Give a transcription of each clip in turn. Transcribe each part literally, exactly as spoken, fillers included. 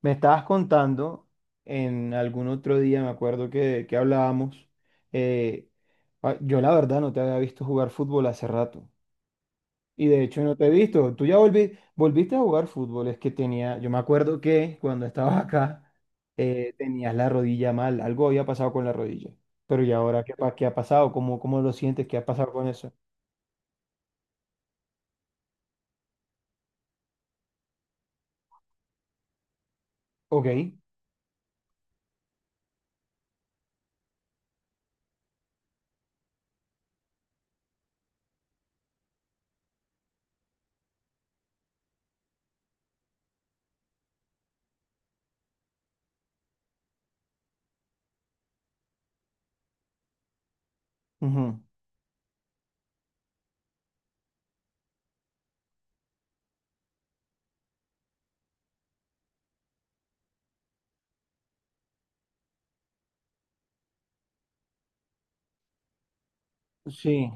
Me estabas contando en algún otro día, me acuerdo que, que hablábamos, eh, ah, yo la verdad no te había visto jugar fútbol hace rato. Y de hecho no te he visto. Tú ya volvi- volviste a jugar fútbol. Es que tenía, yo me acuerdo que cuando estabas acá eh, tenías la rodilla mal. Algo había pasado con la rodilla. Pero ¿y ahora qué, pa- qué ha pasado? ¿Cómo, cómo lo sientes? ¿Qué ha pasado con eso? Ok. Ujú. Sí.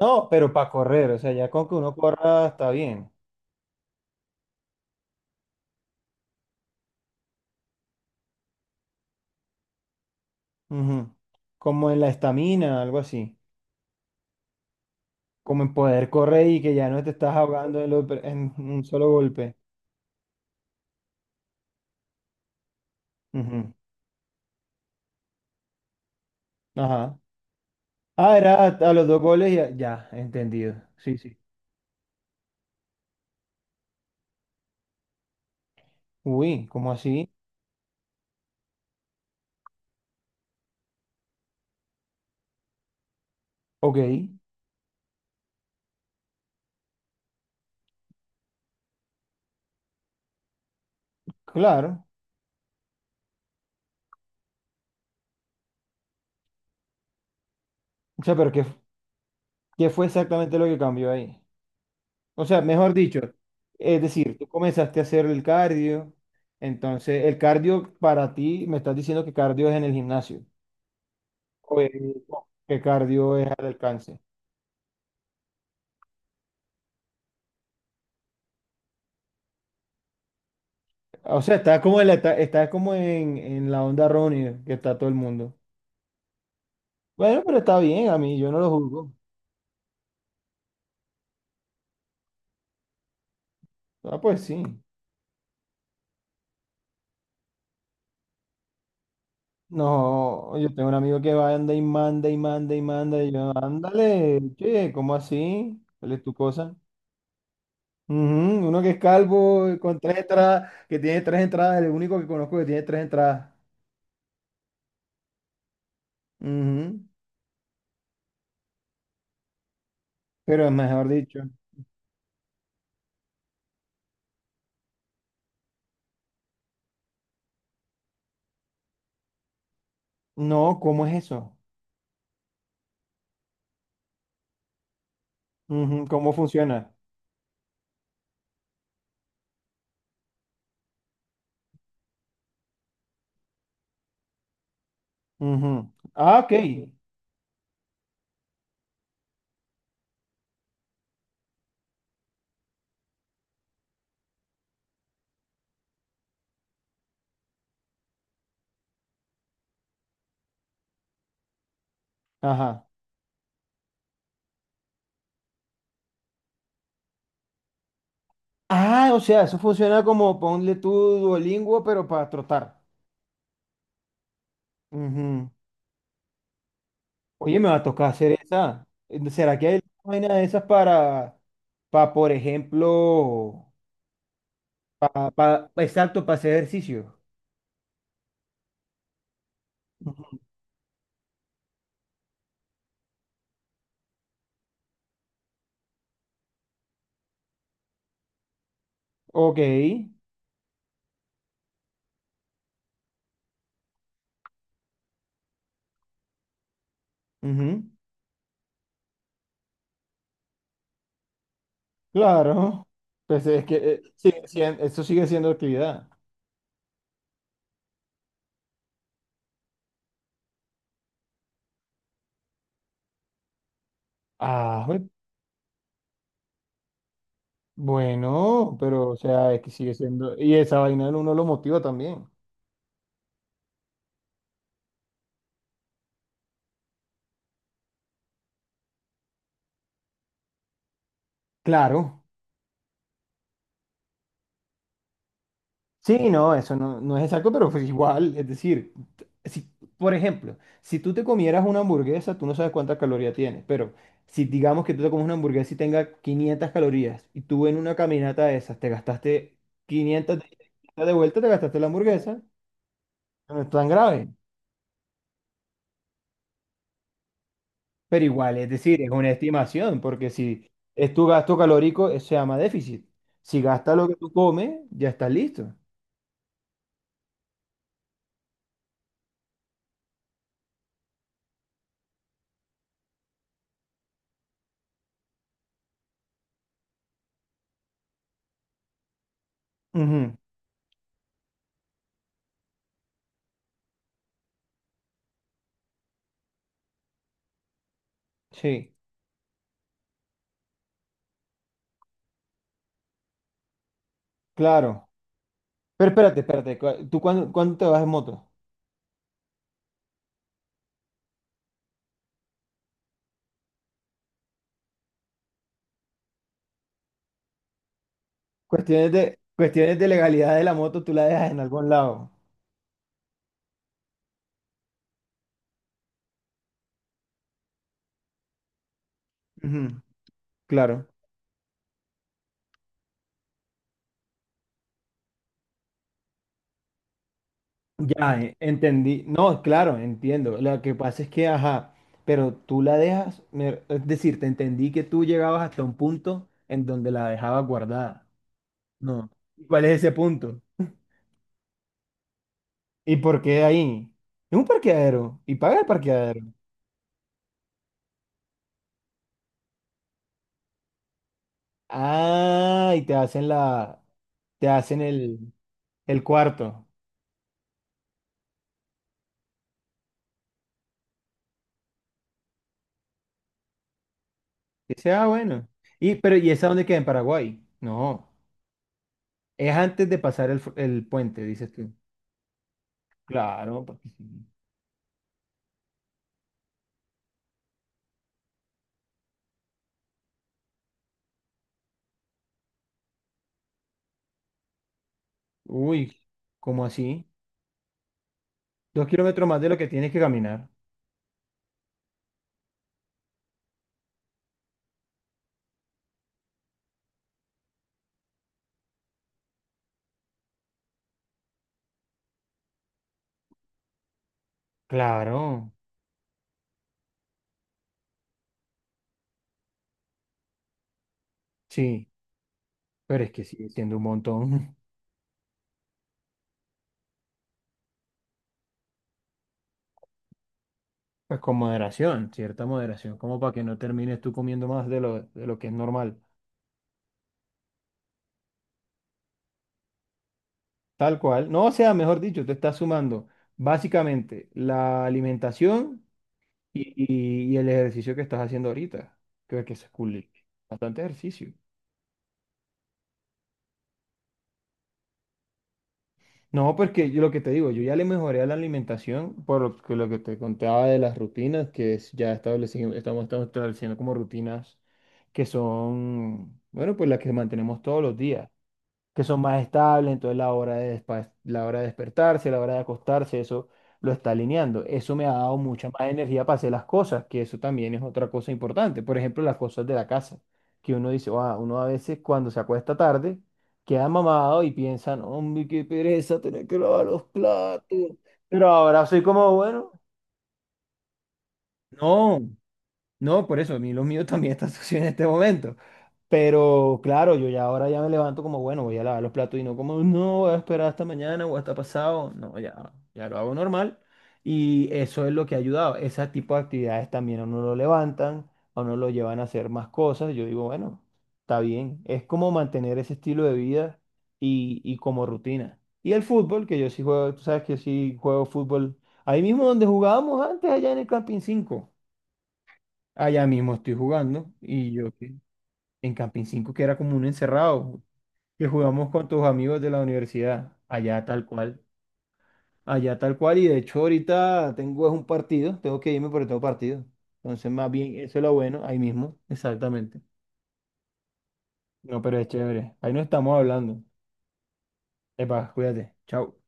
No, pero para correr, o sea, ya con que uno corra está bien. Ujú. Como en la estamina, algo así. Como en poder correr y que ya no te estás ahogando en, lo- en un solo golpe. Ujú. Ajá. Ah, era a, a, los dos goles y a- ya, entendido. Sí, sí. Uy, ¿cómo así? Ok, claro. O sea, pero ¿qué, qué fue exactamente lo que cambió ahí? O sea, mejor dicho, es decir, tú comenzaste a hacer el cardio. Entonces, el cardio para ti, me estás diciendo que cardio es en el gimnasio. O el- que cardio es al alcance. O sea, está como en la, eta- está, como en, en la onda errónea que está todo el mundo. Bueno, pero está bien, a mí yo no lo juzgo. Ah, pues sí. No, yo tengo un amigo que va, anda y manda y manda y manda. Y yo, ándale, che, ¿cómo así? ¿Cuál es tu cosa? Ujú. Uno que es calvo, eh, con tres entradas, que tiene tres entradas, el único que conozco que tiene tres entradas. Ujú. Pero es mejor dicho. No, ¿cómo es eso? Ujú. ¿Cómo funciona? Ujú. Ah, ok. Ajá. Ah, o sea, eso funciona como ponle tu Duolingo, pero para trotar. Ujú. Oye, me va a tocar hacer esa. Eh, ¿Será que hay vaina de esas para, para, por ejemplo, para, para, exacto, para hacer ejercicio? Ujú. Ok. Ujú. Claro. Pues es que eh, sigue sien- eso sigue siendo actividad. Ah, jue- bueno, pero o sea, es que sigue siendo. Y esa vaina uno lo motiva también. Claro. Sí, no, eso no, no es exacto, pero pues igual, es decir, t- si, por ejemplo, si tú te comieras una hamburguesa, tú no sabes cuántas calorías tiene, pero si digamos que tú te comes una hamburguesa y tenga quinientas calorías y tú en una caminata de esas te gastaste quinientas de, de vuelta, te gastaste la hamburguesa, no es tan grave, pero igual, es decir, es una estimación, porque si es tu gasto calórico, eso se llama déficit. Si gastas lo que tú comes, ya estás listo. Ujú. Sí, claro. Pero espérate, espérate, cu- ¿tú cuándo, cuándo, te vas en moto? Cuestiones de, cuestiones de legalidad de la moto, tú la dejas en algún lado. Ujú. Claro. Ya, eh, entendí. No, claro, entiendo. Lo que pasa es que, ajá, pero tú la dejas, me- es decir, te entendí que tú llegabas hasta un punto en donde la dejabas guardada. No. ¿Y cuál es ese punto? ¿Y por qué ahí? Es un parqueadero y paga el parqueadero. Ah, y te hacen la, te hacen el, el cuarto. Dice, ah, bueno. Y, pero, ¿y esa dónde queda? ¿En Paraguay? No. Es antes de pasar el, fu- el puente, dices tú. Claro, porque sí. Uy, ¿cómo así? Dos kilómetros más de lo que tienes que caminar. Claro, sí. Pero es que sigue siendo un montón. Pues con moderación, cierta moderación, como para que no termines tú comiendo más de lo, de lo, que es normal. Tal cual. No, o sea, mejor dicho, te estás sumando básicamente la alimentación. Y, y- y el ejercicio que estás haciendo ahorita, creo que es cool. Bastante ejercicio. No, porque yo lo que te digo, yo ya le mejoré a la alimentación por lo que, lo que te contaba de las rutinas, que es- ya establecimos, estamos, estamos estableciendo como rutinas que son, bueno, pues las que mantenemos todos los días. Que son más estables, entonces la hora de, despa- la hora de despertarse, la hora de acostarse, eso lo está alineando. Eso me ha dado mucha más energía para hacer las cosas, que eso también es otra cosa importante. Por ejemplo, las cosas de la casa, que uno dice, "Ah, uno a veces cuando se acuesta tarde, queda mamado y piensan, hombre, qué pereza tener que lavar los platos". Pero ahora soy como, bueno, no. No, por eso, a mí los míos también están sucios en este momento. Pero claro, yo ya ahora ya me levanto como, bueno, voy a lavar los platos y no como, no, voy a esperar hasta mañana o hasta pasado. No, ya, ya lo hago normal. Y eso es lo que ha ayudado. Ese tipo de actividades también a uno lo levantan, a uno lo llevan a hacer más cosas. Yo digo, bueno, está bien. Es como mantener ese estilo de vida y, y, como rutina. Y el fútbol, que yo sí juego, tú sabes que yo sí juego fútbol. Ahí mismo donde jugábamos antes, allá en el Camping cinco. Allá mismo estoy jugando y yo que- en Camping cinco que era como un encerrado, que jugamos con tus amigos de la universidad, allá tal cual, allá tal cual y de hecho ahorita tengo es un partido, tengo que irme porque tengo partido. Entonces más bien eso es lo bueno, ahí mismo, exactamente. No, pero es chévere, ahí no estamos hablando. Epa, cuídate, chao.